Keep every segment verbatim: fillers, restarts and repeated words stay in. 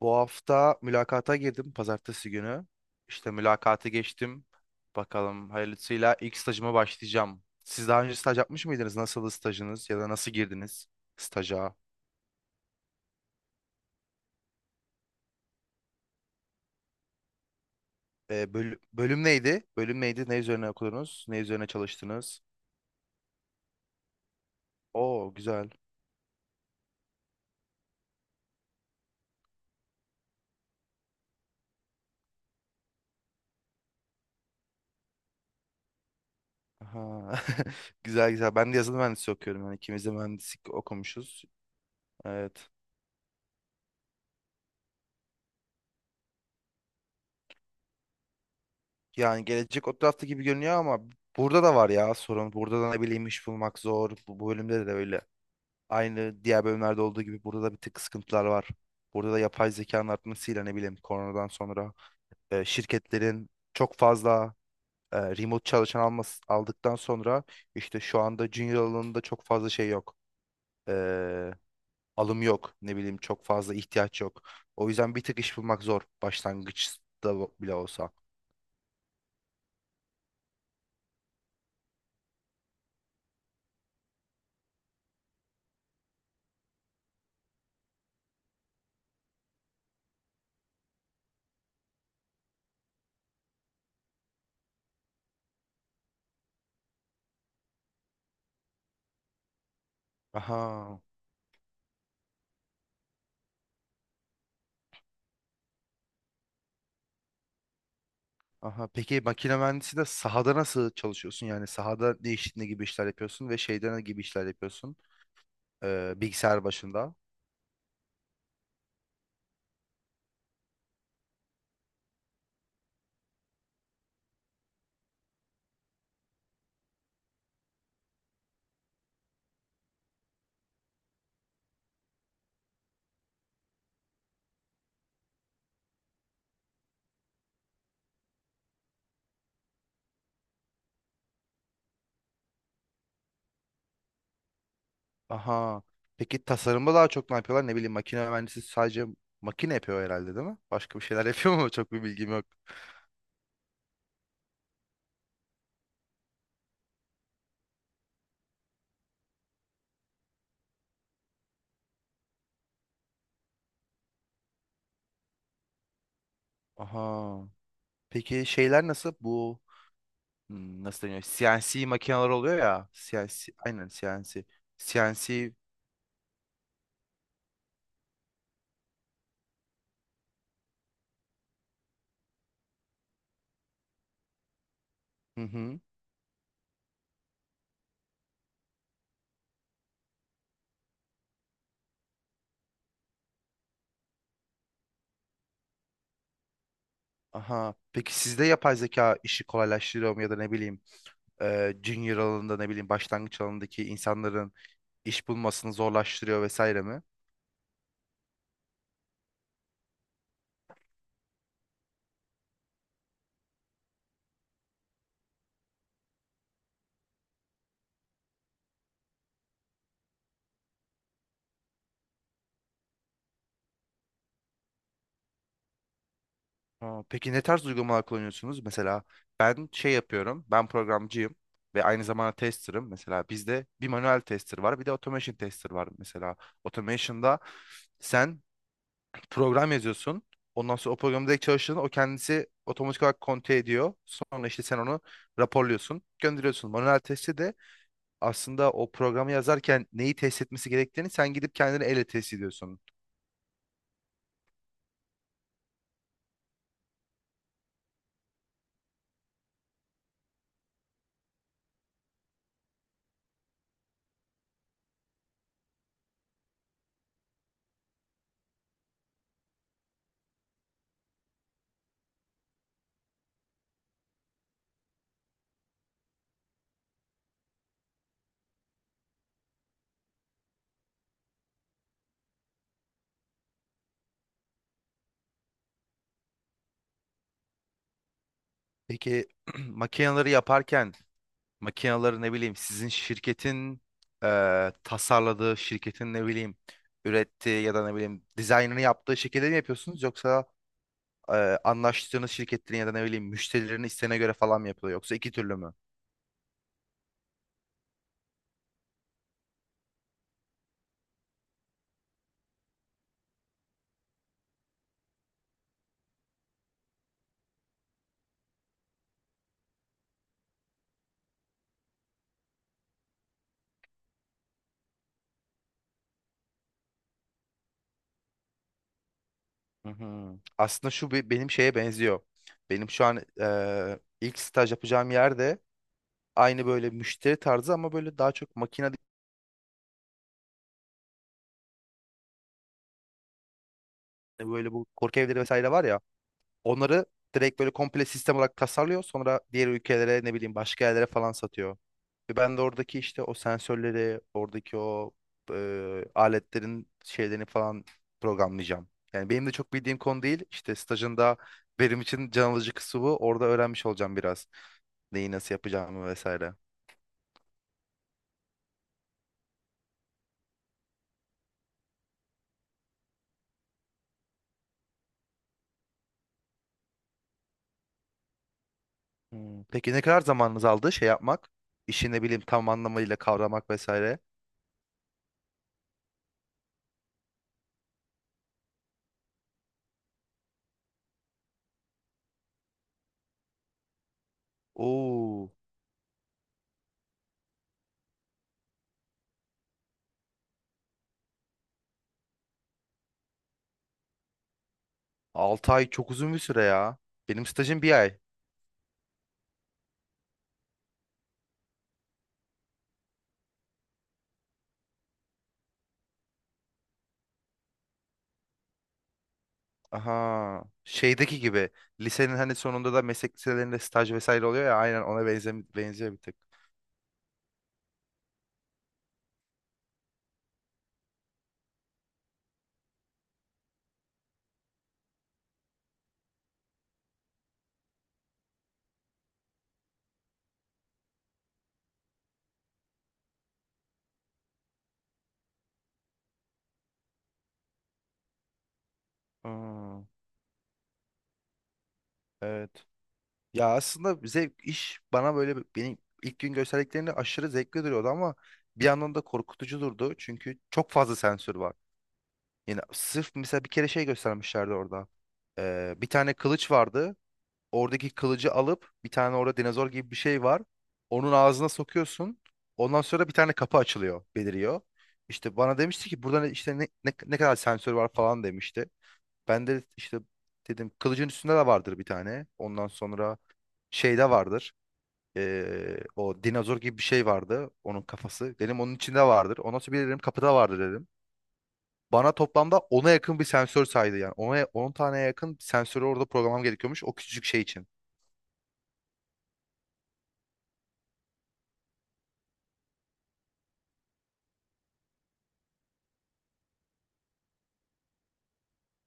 Bu hafta mülakata girdim pazartesi günü. İşte mülakatı geçtim. Bakalım hayırlısıyla ilk stajıma başlayacağım. Siz daha önce staj yapmış mıydınız? Nasıldı stajınız ya da nasıl girdiniz staja? Ee, böl- bölüm neydi? Bölüm neydi? Ne üzerine okudunuz? Ne üzerine çalıştınız? Oo, güzel. Aha. Güzel güzel. Ben de yazılım mühendisliği okuyorum. Yani ikimiz de mühendislik okumuşuz. Evet. Yani gelecek o tarafta gibi görünüyor ama burada da var ya sorun. Burada da ne bileyim iş bulmak zor. Bu bu bölümde de öyle. Aynı diğer bölümlerde olduğu gibi burada da bir tık sıkıntılar var. Burada da yapay zekanın artmasıyla ne bileyim koronadan sonra e, şirketlerin çok fazla e, remote çalışan almas, aldıktan sonra işte şu anda junior alanında çok fazla şey yok. E, Alım yok, ne bileyim çok fazla ihtiyaç yok. O yüzden bir tık iş bulmak zor, başlangıçta bile olsa. Aha. Aha, peki makine mühendisi de sahada nasıl çalışıyorsun? Yani sahada ne iş, ne gibi işler yapıyorsun ve şeyden ne gibi işler yapıyorsun? Ee, bilgisayar başında. Aha. Peki tasarımda daha çok ne yapıyorlar? Ne bileyim, makine mühendisi sadece makine yapıyor herhalde, değil mi? Başka bir şeyler yapıyor mu? Çok bir bilgim yok. Aha. Peki şeyler nasıl? Bu hmm, nasıl deniyor? C N C makineler oluyor ya. CNC, aynen C N C. C N C. Hı hı. Aha. Peki sizde yapay zeka işi kolaylaştırıyor mu, ya da ne bileyim e, junior alanında, ne bileyim başlangıç alanındaki insanların iş bulmasını zorlaştırıyor vesaire mi? Aa, peki ne tarz uygulamalar kullanıyorsunuz? Mesela ben şey yapıyorum. Ben programcıyım ve aynı zamanda tester'ım. Mesela bizde bir manuel tester var, bir de automation tester var. Mesela automation'da sen program yazıyorsun. Ondan sonra o programı direkt çalıştığında o kendisi otomatik olarak konte ediyor. Sonra işte sen onu raporluyorsun, gönderiyorsun. Manuel testi de aslında o programı yazarken neyi test etmesi gerektiğini sen gidip kendini elle test ediyorsun. Peki makineleri yaparken makinaları ne bileyim sizin şirketin eee, tasarladığı şirketin, ne bileyim ürettiği ya da ne bileyim dizaynını yaptığı şekilde mi yapıyorsunuz yoksa eee, anlaştığınız şirketlerin ya da ne bileyim müşterilerin isteğine göre falan mı yapılıyor yoksa iki türlü mü? Hı hı. Aslında şu bir- benim şeye benziyor. Benim şu an eee, ilk staj yapacağım yerde aynı böyle müşteri tarzı ama böyle daha çok makine değil, böyle bu korku evleri vesaire var ya, onları direkt böyle komple sistem olarak tasarlıyor, sonra diğer ülkelere, ne bileyim başka yerlere falan satıyor. Ve ben de oradaki işte o sensörleri, oradaki o e, aletlerin şeylerini falan programlayacağım. Yani benim de çok bildiğim konu değil. İşte stajında benim için can alıcı kısmı bu. Orada öğrenmiş olacağım biraz. Neyi nasıl yapacağımı vesaire. Hmm. Peki ne kadar zamanınız aldı şey yapmak? İşi, ne bileyim, tam anlamıyla kavramak vesaire. Oo, altı ay çok uzun bir süre ya. Benim stajım bir ay. Aha. Şeydeki gibi. Lisenin hani sonunda da meslek liselerinde staj vesaire oluyor ya. Aynen ona benze benziyor bir tık. Aa, evet. Ya aslında zevk iş bana böyle bir- benim ilk gün gösterdiklerinde aşırı zevkli duruyordu ama bir yandan da korkutucu durdu. Çünkü çok fazla sensör var. Yani sırf mesela bir kere şey göstermişlerdi orada. Ee, bir tane kılıç vardı. Oradaki kılıcı alıp bir tane orada dinozor gibi bir şey var. Onun ağzına sokuyorsun. Ondan sonra bir tane kapı açılıyor, beliriyor. İşte bana demişti ki burada ne- işte ne, ne, ne kadar sensör var falan demişti. Ben de işte dedim kılıcın üstünde de vardır bir tane. Ondan sonra şeyde vardır. Ee, o dinozor gibi bir şey vardı. Onun kafası. Dedim onun içinde vardır. Ondan sonra bir dedim kapıda vardır dedim. Bana toplamda ona yakın bir sensör saydı yani. Ona on taneye yakın sensörü orada programlam gerekiyormuş o küçücük şey için.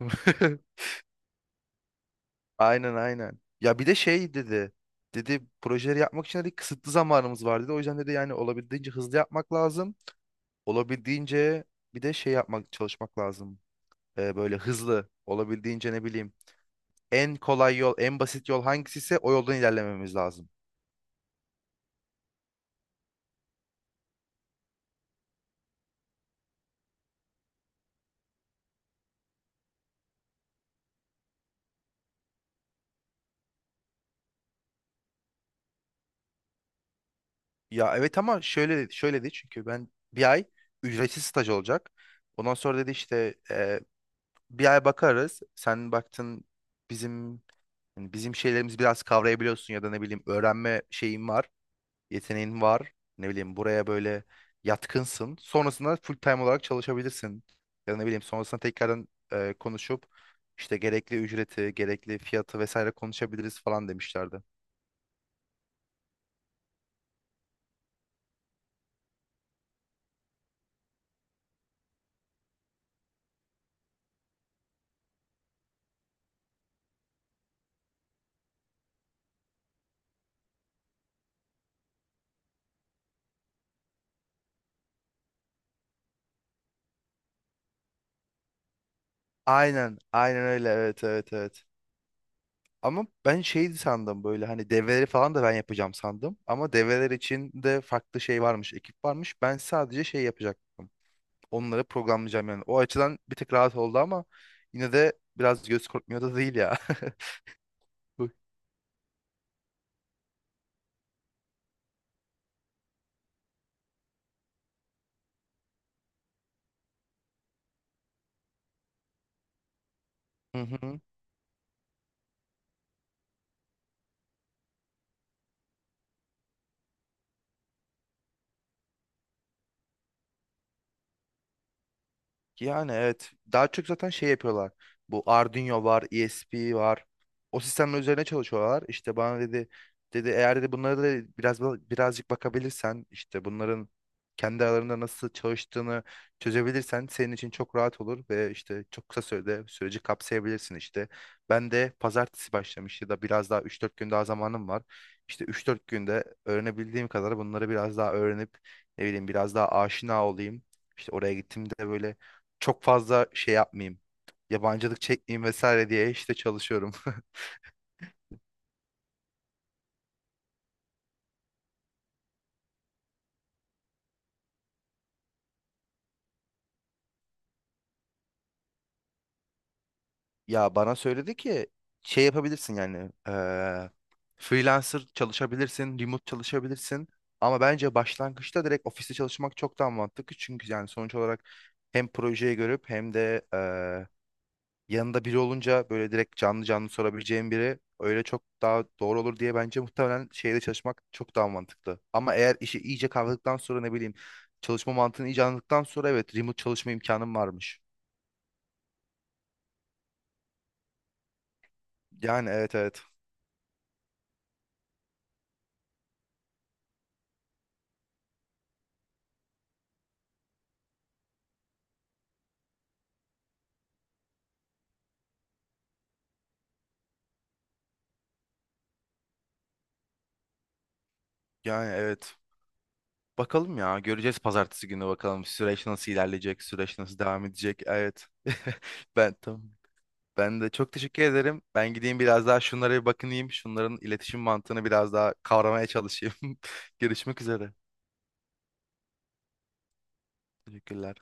Aynen, aynen. Ya, bir de şey dedi. Dedi projeleri yapmak için dedi kısıtlı zamanımız var dedi. O yüzden dedi, yani olabildiğince hızlı yapmak lazım. Olabildiğince bir de şey yapmak, çalışmak lazım. Ee, böyle hızlı olabildiğince, ne bileyim. En kolay yol, en basit yol hangisi ise o yoldan ilerlememiz lazım. Ya evet, ama şöyle şöyle dedi çünkü ben bir ay ücretsiz staj olacak. Ondan sonra dedi işte e, bir ay bakarız. Sen baktın, bizim yani bizim şeylerimizi biraz kavrayabiliyorsun ya da ne bileyim öğrenme şeyin var, yeteneğin var. Ne bileyim buraya böyle yatkınsın. Sonrasında full time olarak çalışabilirsin. Ya da ne bileyim sonrasında tekrardan e, konuşup, işte gerekli ücreti, gerekli fiyatı vesaire konuşabiliriz falan demişlerdi. Aynen, aynen öyle. Evet, evet, evet. Ama ben şeydi sandım, böyle hani devreleri falan da ben yapacağım sandım. Ama devreler için de farklı şey varmış, ekip varmış. Ben sadece şey yapacaktım. Onları programlayacağım yani. O açıdan bir tık rahat oldu ama yine de biraz göz korkmuyor da değil ya. Hı hı. Yani evet. Daha çok zaten şey yapıyorlar. Bu Arduino var, E S P var. O sistemler üzerine çalışıyorlar. İşte bana dedi, dedi eğer dedi bunları da biraz birazcık bakabilirsen, işte bunların kendi aralarında nasıl çalıştığını çözebilirsen senin için çok rahat olur ve işte çok kısa sürede süreci kapsayabilirsin işte. Ben de pazartesi başlamış ya da biraz daha üç dört gün daha zamanım var. İşte üç dört günde öğrenebildiğim kadar bunları biraz daha öğrenip, ne bileyim biraz daha aşina olayım. İşte oraya gittiğimde böyle çok fazla şey yapmayayım. Yabancılık çekmeyeyim vesaire diye işte çalışıyorum. Ya bana söyledi ki şey yapabilirsin, yani eee, freelancer çalışabilirsin, remote çalışabilirsin. Ama bence başlangıçta direkt ofiste çalışmak çok daha mantıklı. Çünkü yani sonuç olarak hem projeyi görüp hem de yanında biri olunca böyle direkt canlı canlı sorabileceğim biri, öyle çok daha doğru olur diye bence muhtemelen şeyde çalışmak çok daha mantıklı. Ama eğer işi iyice kavradıktan sonra, ne bileyim çalışma mantığını iyice anladıktan sonra, evet, remote çalışma imkanım varmış. Yani evet, evet. Yani evet. Bakalım ya, göreceğiz pazartesi günü, bakalım süreç nasıl ilerleyecek, süreç nasıl devam edecek. Evet. Ben tamam. Ben de çok teşekkür ederim. Ben gideyim biraz daha şunlara bir bakınayım. Şunların iletişim mantığını biraz daha kavramaya çalışayım. Görüşmek üzere. Teşekkürler.